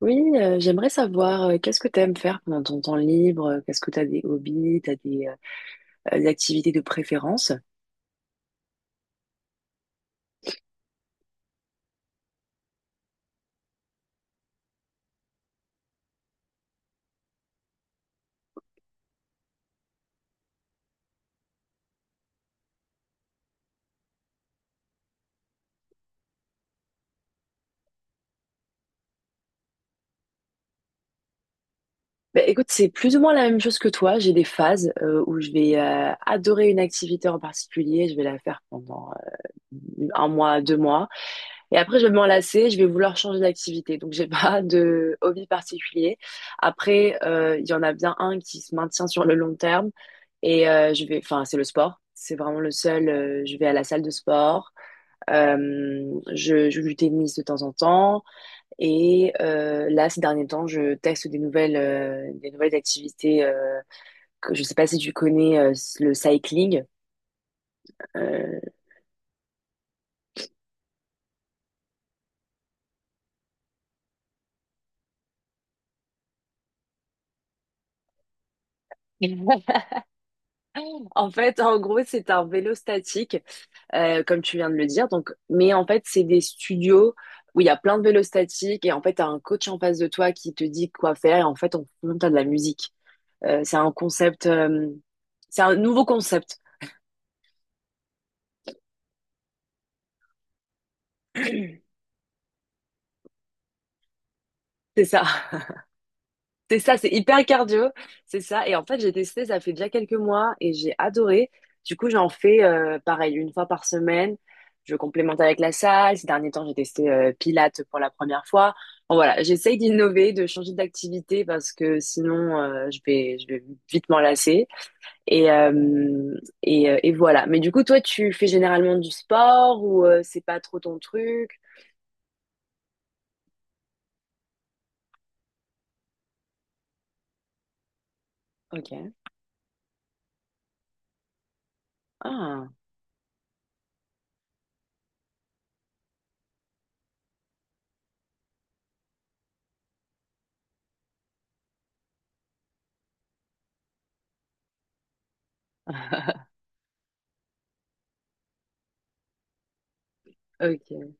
Oui, j'aimerais savoir qu'est-ce que tu aimes faire pendant ton temps libre, qu'est-ce que tu as des hobbies, tu as des activités de préférence. Ben, écoute, c'est plus ou moins la même chose que toi. J'ai des phases où je vais adorer une activité en particulier, je vais la faire pendant un mois, deux mois, et après je vais m'en lasser, je vais vouloir changer d'activité. Donc j'ai pas de hobby particulier. Après, il y en a bien un qui se maintient sur le long terme, je vais, enfin c'est le sport. C'est vraiment le seul. Je vais à la salle de sport. Je joue du tennis de temps en temps là, ces derniers temps, je teste des nouvelles activités. Que je sais pas si tu connais le cycling. Euh, en fait, en gros, c'est un vélo statique, comme tu viens de le dire. Donc, mais en fait, c'est des studios où il y a plein de vélos statiques et en fait, t'as un coach en face de toi qui te dit quoi faire et en fait, on monte à de la musique. C'est un concept, c'est un nouveau concept. C'est ça. C'est ça, c'est hyper cardio, c'est ça. Et en fait, j'ai testé, ça fait déjà quelques mois et j'ai adoré. Du coup, j'en fais pareil, une fois par semaine. Je complémente avec la salle. Ces derniers temps, j'ai testé Pilates pour la première fois. Bon, voilà, j'essaye d'innover, de changer d'activité parce que sinon, je vais vite m'en lasser. Et, euh, et voilà. Mais du coup, toi, tu fais généralement du sport ou c'est pas trop ton truc? Ok. Ah, ok.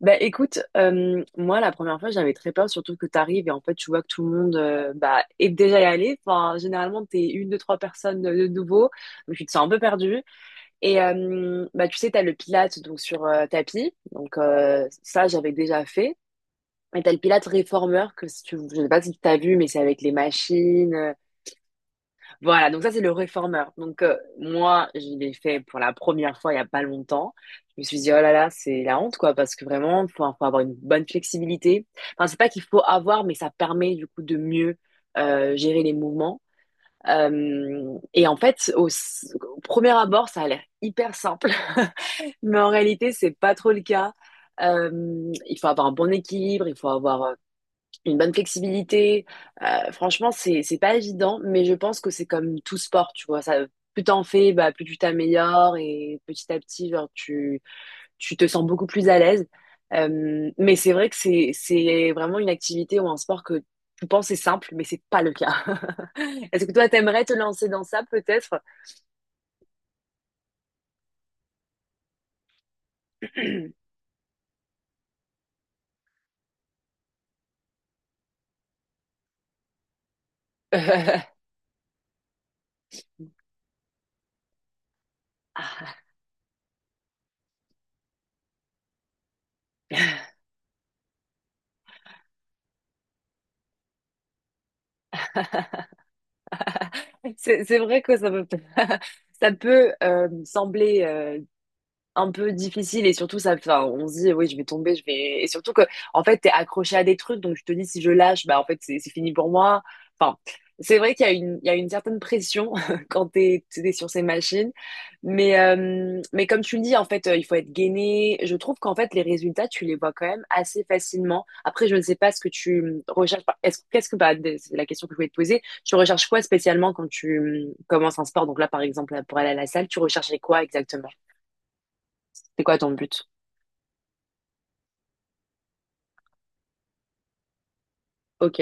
Bah écoute, moi la première fois j'avais très peur, surtout que t'arrives et en fait tu vois que tout le monde bah, est déjà y allé. Enfin, généralement t'es une, deux, trois personnes de nouveau, donc tu te sens un peu perdu. Bah tu sais, t'as le Pilates donc sur tapis, donc ça j'avais déjà fait. Et t'as le Pilates réformeur que si tu, je sais pas si tu t'as vu, mais c'est avec les machines. Voilà, donc ça c'est le réformeur. Donc moi, je l'ai fait pour la première fois il y a pas longtemps. Je me suis dit oh là là, c'est la honte quoi parce que vraiment faut avoir une bonne flexibilité. Enfin, c'est pas qu'il faut avoir mais ça permet du coup de mieux gérer les mouvements. Et en fait, au premier abord, ça a l'air hyper simple, mais en réalité, c'est pas trop le cas. Il faut avoir un bon équilibre, il faut avoir une bonne flexibilité. Franchement, c'est pas évident, mais je pense que c'est comme tout sport, tu vois. Ça, plus t'en fais, bah, plus tu t'améliores et petit à petit, genre, tu te sens beaucoup plus à l'aise. Mais c'est vrai que c'est vraiment une activité ou un sport que tu penses c'est simple, mais c'est pas le cas. Est-ce que toi, t'aimerais te lancer dans ça, peut-être? Euh, c'est vrai que ça peut ça peut sembler un peu difficile et surtout ça enfin on se dit oui je vais tomber je vais et surtout que en fait t'es accroché à des trucs donc je te dis si je lâche bah en fait c'est fini pour moi enfin c'est vrai qu'il y a une il y a une certaine pression quand t'es sur ces machines mais comme tu le dis en fait il faut être gainé je trouve qu'en fait les résultats tu les vois quand même assez facilement après je ne sais pas ce que tu recherches par- est-ce qu'est-ce que bah d- c'est la question que je voulais te poser tu recherches quoi spécialement quand tu commences un sport donc là par exemple pour aller à la salle tu recherchais quoi exactement c'est quoi ton but. Ok,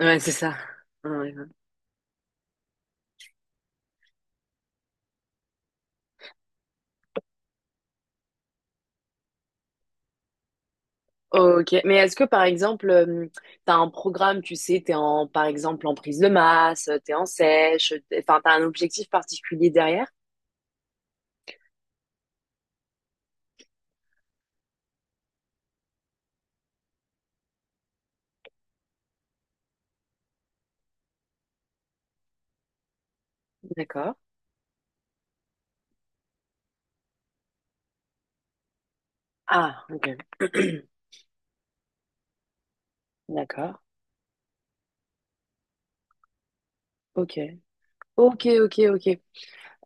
ouais, c'est ça. Ouais. Ok, mais est-ce que par exemple, t'as un programme, tu sais, t'es en, par exemple, en prise de masse, t'es en sèche, t'es- enfin, t'as un objectif particulier derrière? D'accord. Ah, ok. D'accord. Ok. Ok.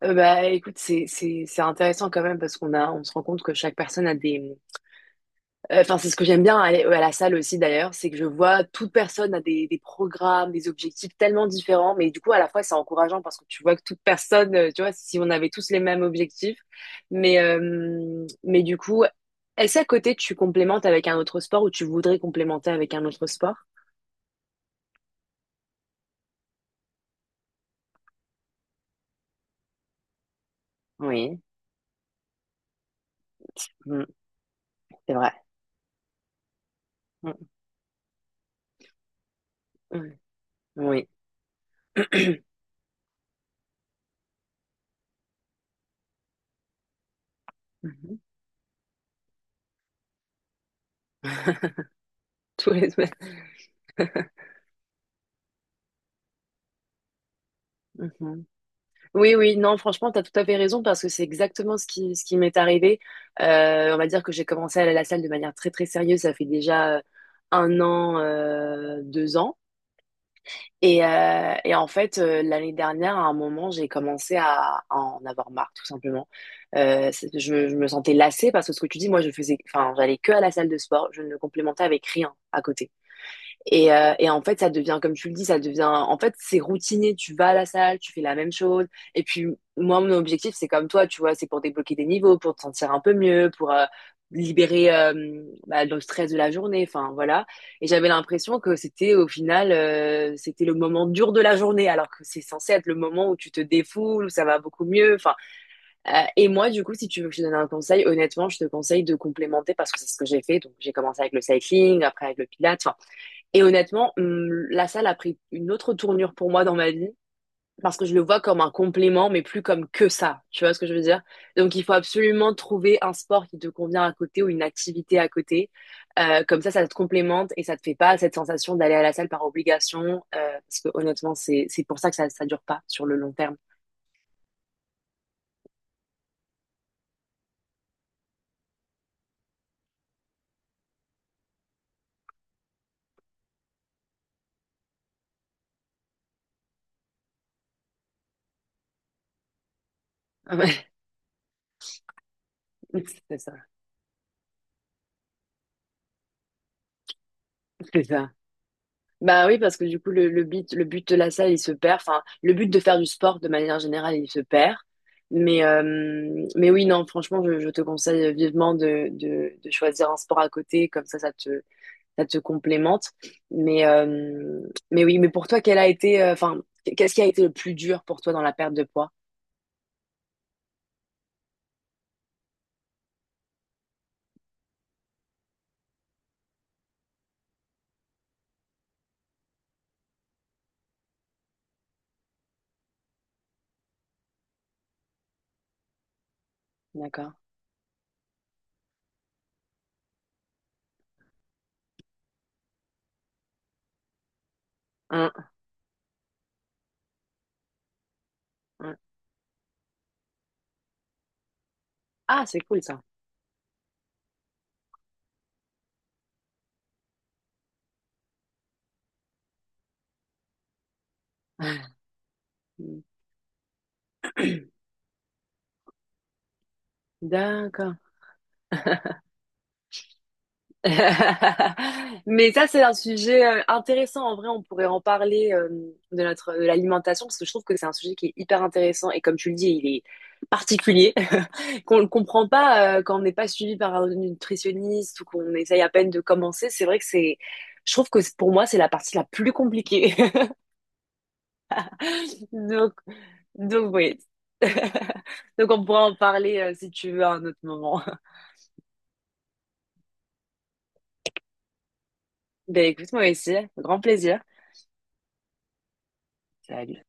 Bah, écoute, c'est intéressant quand même parce qu'on a, on se rend compte que chaque personne a des, enfin, c'est ce que j'aime bien aller, à la salle aussi d'ailleurs, c'est que je vois toute personne a des programmes, des objectifs tellement différents, mais du coup, à la fois, c'est encourageant parce que tu vois que toute personne, tu vois, si on avait tous les mêmes objectifs, mais mais du coup, est-ce à côté tu complémentes avec un autre sport ou tu voudrais complémenter avec un autre sport? Oui, mmh, c'est vrai. Mmh, oui, oui. Mmh Tous les semaines. Mmh. Oui, oui, non, franchement, tu as tout à fait raison parce que c'est exactement ce qui m'est arrivé. On va dire que j'ai commencé à aller à la salle de manière très sérieuse. Ça fait déjà un an, deux ans. Et en fait, l'année dernière, à un moment, j'ai commencé à en avoir marre, tout simplement. Je me sentais lassée parce que ce que tu dis, moi, je faisais, enfin, j'allais que à la salle de sport. Je ne complémentais avec rien à côté. Et en fait, comme tu le dis, ça devient, en fait, c'est routinier. Tu vas à la salle, tu fais la même chose. Et puis, moi, mon objectif, c'est comme toi, tu vois, c'est pour débloquer des niveaux, pour te sentir un peu mieux, pour libérer bah, le stress de la journée. Enfin, voilà. Et j'avais l'impression que c'était, au final, c'était le moment dur de la journée, alors que c'est censé être le moment où tu te défoules, où ça va beaucoup mieux. Enfin, euh, et moi, du coup, si tu veux que je te donne un conseil, honnêtement, je te conseille de complémenter parce que c'est ce que j'ai fait. Donc, j'ai commencé avec le cycling, après avec le pilates. Enfin, et honnêtement, la salle a pris une autre tournure pour moi dans ma vie parce que je le vois comme un complément, mais plus comme que ça. Tu vois ce que je veux dire? Donc, il faut absolument trouver un sport qui te convient à côté ou une activité à côté. Comme ça te complémente et ça te fait pas cette sensation d'aller à la salle par obligation. Parce que honnêtement, c'est pour ça que ça dure pas sur le long terme. Ouais, c'est ça, c'est ça. Bah oui, parce que du coup, le but de la salle, il se perd. Enfin, le but de faire du sport de manière générale, il se perd. Mais, euh, mais oui, non, franchement, je te conseille vivement de choisir un sport à côté, comme ça, ça te complémente. Mais, euh, mais oui, mais pour toi, quel a été, enfin, qu'est-ce qui a été le plus dur pour toi dans la perte de poids? D'accord. Hein, hein. Ah, c'est cool ça. D'accord. Mais ça, c'est un sujet intéressant. En vrai, on pourrait en parler de l'alimentation parce que je trouve que c'est un sujet qui est hyper intéressant et comme tu le dis, il est particulier qu'on ne comprend pas quand on n'est pas suivi par un nutritionniste ou qu'on essaye à peine de commencer. C'est vrai que je trouve que c'est- pour moi, c'est la partie la plus compliquée. Donc, donc oui. Donc on pourra en parler si tu veux à un autre moment. Ben écoute, moi aussi, grand plaisir. Salut.